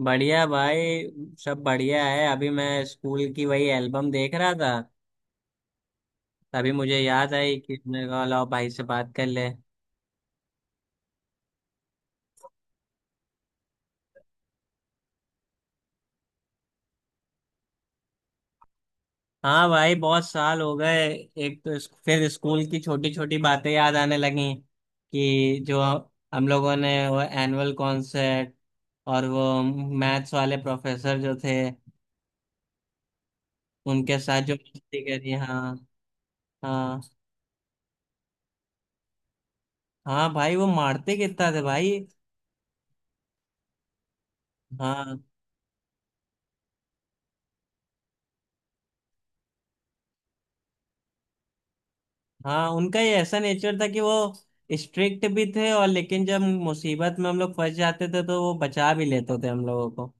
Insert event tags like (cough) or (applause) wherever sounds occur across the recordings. बढ़िया भाई। सब बढ़िया है। अभी मैं स्कूल की वही एल्बम देख रहा था। तभी मुझे याद आई कि मैंने कहा लाओ भाई से बात कर ले। हाँ भाई, बहुत साल हो गए। एक तो फिर स्कूल की छोटी छोटी बातें याद आने लगी कि जो हम लोगों ने वो एनुअल कॉन्सर्ट और वो मैथ्स वाले प्रोफेसर जो थे उनके साथ जो मस्ती करी। हाँ हाँ हाँ, भाई वो मारते कितना थे भाई। हाँ, हाँ उनका ये ऐसा नेचर था कि वो स्ट्रिक्ट भी थे और लेकिन जब मुसीबत में हम लोग फंस जाते थे तो वो बचा भी लेते थे हम लोगों को।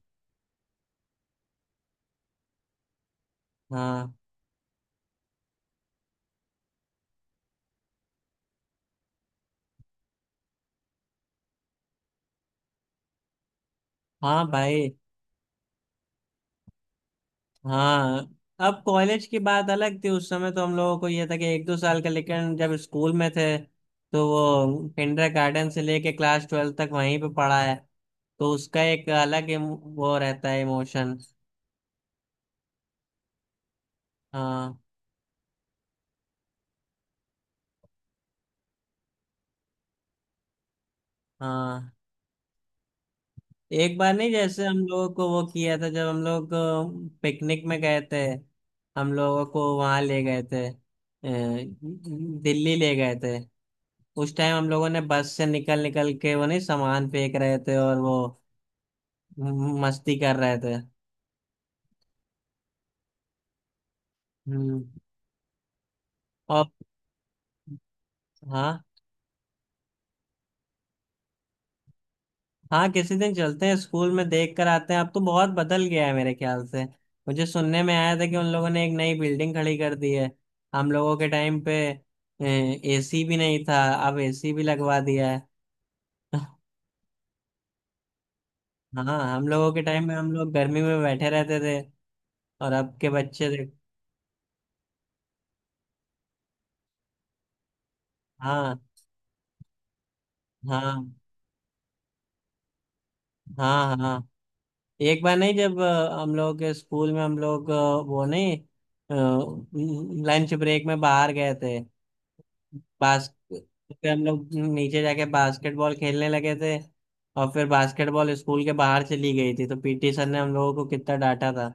हाँ हाँ भाई। हाँ, अब कॉलेज की बात अलग थी। उस समय तो हम लोगों को ये था कि एक दो साल का, लेकिन जब स्कूल में थे तो वो किंडर गार्डन से लेके क्लास ट्वेल्थ तक वहीं पे पढ़ा है। तो उसका एक अलग वो रहता है इमोशन। हाँ हाँ। एक बार नहीं, जैसे हम लोगों को वो किया था जब हम लोग पिकनिक में गए थे। हम लोगों को वहां ले गए थे, दिल्ली ले गए थे। उस टाइम हम लोगों ने बस से निकल निकल के वो नहीं सामान फेंक रहे थे और वो मस्ती कर रहे थे। हम्म। और हाँ। हाँ किसी दिन चलते हैं स्कूल में देख कर आते हैं। अब तो बहुत बदल गया है मेरे ख्याल से। मुझे सुनने में आया था कि उन लोगों ने एक नई बिल्डिंग खड़ी कर दी है। हम लोगों के टाइम पे एसी भी नहीं था। अब एसी भी लगवा दिया है। (laughs) हाँ, हम लोगों के टाइम में हम लोग गर्मी में बैठे रहते थे। और अब के बच्चे देख। हाँ हाँ हाँ हाँ। एक बार नहीं जब हम लोग के स्कूल में हम लोग वो नहीं लंच ब्रेक में बाहर गए थे बास्केट। फिर हम लोग नीचे जाके बास्केटबॉल खेलने लगे थे और फिर बास्केटबॉल स्कूल के बाहर चली गई थी तो पीटी सर ने हम लोगों को कितना डांटा था।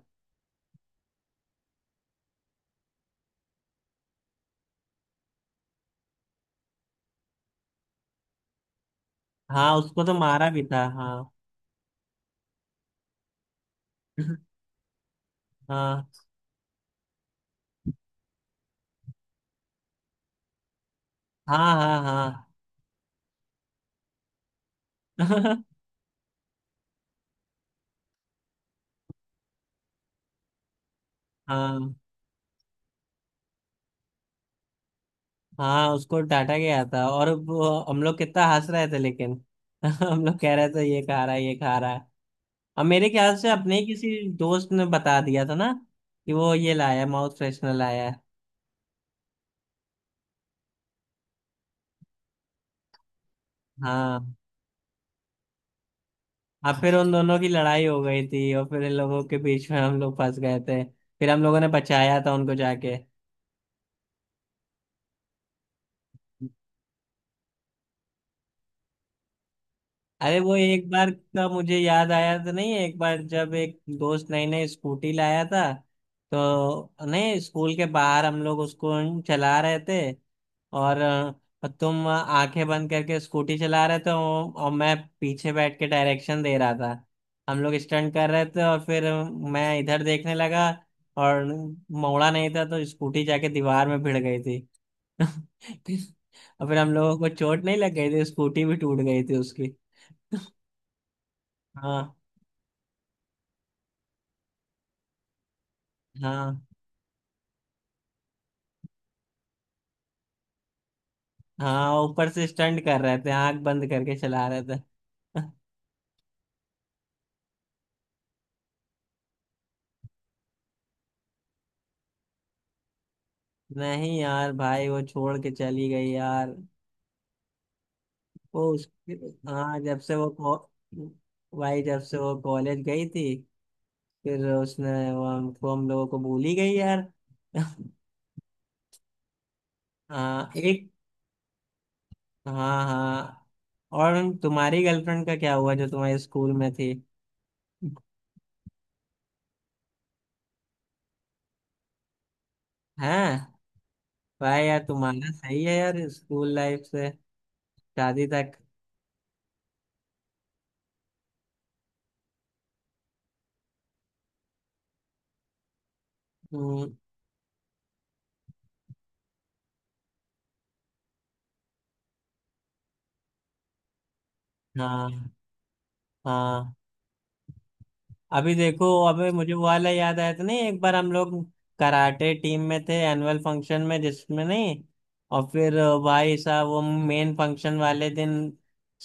हाँ उसको तो मारा भी था। हाँ हाँ हाँ हाँ हाँ। (laughs) हाँ हाँ उसको डांटा गया था और हम लोग कितना हंस रहे थे लेकिन। (laughs) हम लोग कह रहे थे ये खा रहा है ये खा रहा है। और मेरे ख्याल से अपने ही किसी दोस्त ने बता दिया था ना कि वो ये लाया माउथ फ्रेशनर लाया है। हाँ हाँ, फिर उन दोनों की लड़ाई हो गई थी और फिर इन लोगों के बीच में हम लोग फंस गए थे। फिर हम लोगों ने बचाया था उनको जाके। अरे, वो एक बार का मुझे याद आया तो नहीं, एक बार जब एक दोस्त नई नई स्कूटी लाया था तो नहीं स्कूल के बाहर हम लोग उसको चला रहे थे। और तुम आंखें बंद करके स्कूटी चला रहे थे और मैं पीछे बैठ के डायरेक्शन दे रहा था। हम लोग स्टंट कर रहे थे और फिर मैं इधर देखने लगा। और मोड़ा नहीं था तो स्कूटी जाके दीवार में भिड़ गई थी। (laughs) फिर और फिर हम लोगों को चोट नहीं लग गई थी। स्कूटी भी टूट गई थी उसकी। हाँ हाँ हाँ, ऊपर से स्टंट कर रहे थे, आंख बंद करके चला रहे थे। (laughs) नहीं यार भाई, वो छोड़ के चली गई यार। वो उस। हाँ, जब से वो को- भाई जब से वो कॉलेज गई थी फिर उसने वो हमको हम लोगों को भूल ही गई यार। (laughs) हाँ एक। हाँ हाँ। और तुम्हारी गर्लफ्रेंड का क्या हुआ जो तुम्हारे स्कूल में थी? हैं? भाई यार तुम्हारा सही है यार, स्कूल लाइफ से शादी तक। हम्म, हाँ हाँ। अभी देखो अबे, मुझे वो वाला याद आया था नहीं, एक बार हम लोग कराटे टीम में थे एनुअल फंक्शन में जिसमें नहीं। और फिर भाई साहब, वो मेन फंक्शन वाले दिन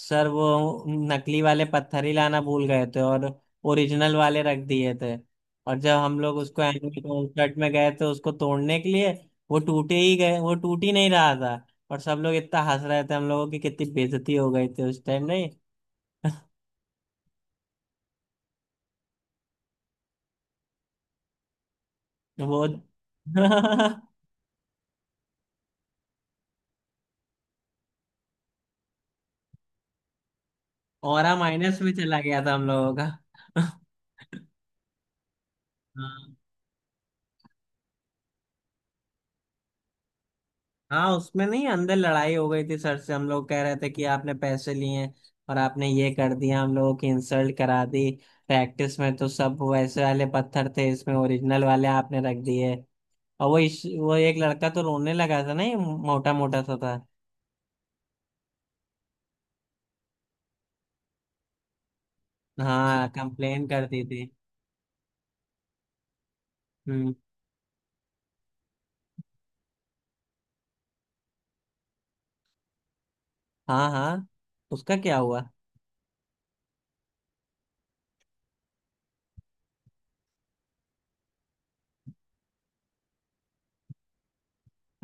सर वो नकली वाले पत्थर ही लाना भूल गए थे और ओरिजिनल वाले रख दिए थे। और जब हम लोग उसको एनुअल कॉन्सर्ट में गए थे उसको तोड़ने के लिए वो टूटे ही गए, वो टूट ही नहीं रहा था। और सब लोग इतना हंस रहे थे, हम लोगों की कितनी बेइज्जती हो गई थी उस टाइम नहीं। वो। (laughs) औरा माइनस में चला गया था हम लोगों का। (laughs) हाँ हाँ, उसमें नहीं अंदर लड़ाई हो गई थी सर से। हम लोग कह रहे थे कि आपने पैसे लिए हैं और आपने ये कर दिया हम लोगों की इंसल्ट करा दी। प्रैक्टिस में तो सब वैसे वाले पत्थर थे इसमें ओरिजिनल वाले आपने रख दिए। और वो एक लड़का तो रोने लगा था ना, ये मोटा मोटा सा था। हाँ कंप्लेन करती थी। हम्म। हाँ हाँ, उसका क्या हुआ?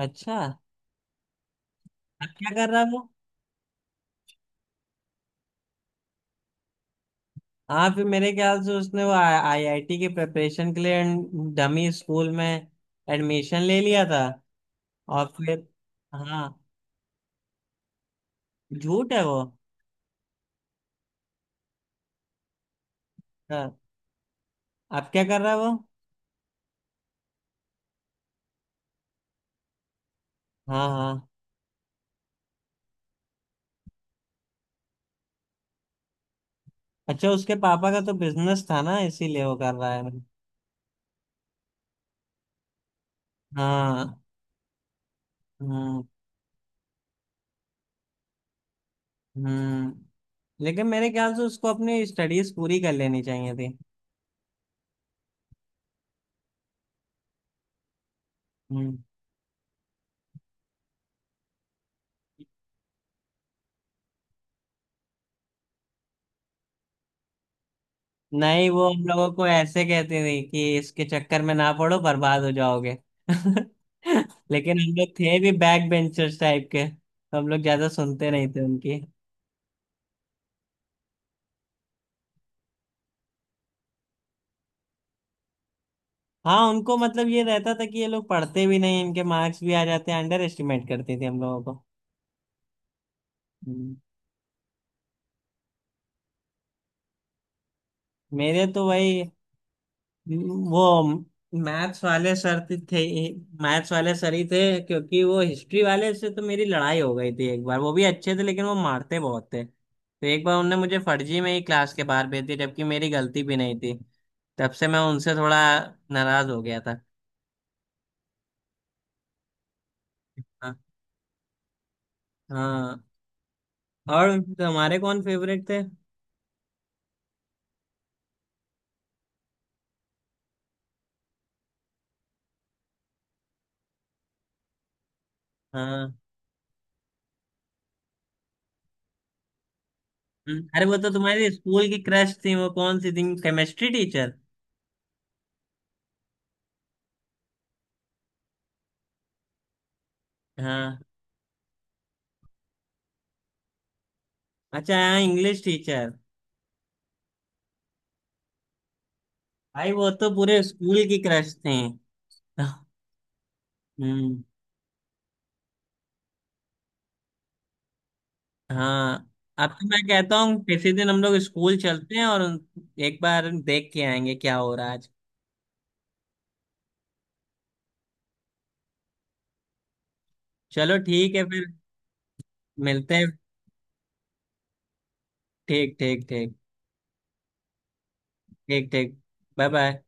अच्छा, अब क्या कर रहा है? हाँ फिर मेरे ख्याल से उसने वो आईआईटी की प्रिपरेशन के लिए डमी स्कूल में एडमिशन ले लिया था। और फिर। हाँ, झूठ है वो। हाँ, अब क्या कर रहा है वो? हाँ हाँ। अच्छा, उसके पापा का तो बिजनेस था ना इसीलिए वो कर रहा है। हाँ, हम्म हम्म। लेकिन मेरे ख्याल से उसको अपनी स्टडीज पूरी कर लेनी चाहिए थी। हम्म। नहीं, वो हम लोगों को ऐसे कहती थी कि इसके चक्कर में ना पड़ो बर्बाद हो जाओगे। (laughs) लेकिन हम लोग थे भी बैक बेंचर्स टाइप के तो हम लोग ज्यादा सुनते नहीं थे उनकी। हाँ उनको मतलब ये रहता था कि ये लोग पढ़ते भी नहीं इनके मार्क्स भी आ जाते हैं, अंडर एस्टिमेट करती थी हम लोगों को। हम्म। मेरे तो वही वो मैथ्स वाले सर थे मैथ्स वाले सर ही थे। क्योंकि वो हिस्ट्री वाले से तो मेरी लड़ाई हो गई थी एक बार। वो भी अच्छे थे लेकिन वो मारते बहुत थे तो एक बार उनने मुझे फर्जी में ही क्लास के बाहर भेज दिया जबकि मेरी गलती भी नहीं थी। तब से मैं उनसे थोड़ा नाराज हो गया था। हाँ हाँ। और तुम्हारे कौन फेवरेट थे? हाँ अरे वो तो तुम्हारी स्कूल की क्रश थी, वो कौन सी थी, केमिस्ट्री टीचर? हाँ अच्छा, हाँ इंग्लिश टीचर। भाई वो तो पूरे स्कूल की क्रश थी। हम्म। हाँ, अब तो मैं कहता हूँ किसी दिन हम लोग स्कूल चलते हैं और एक बार देख के आएंगे क्या हो रहा है आज। चलो ठीक है फिर। मिलते हैं। ठीक ठीक ठीक। ठीक ठीक। Bye bye.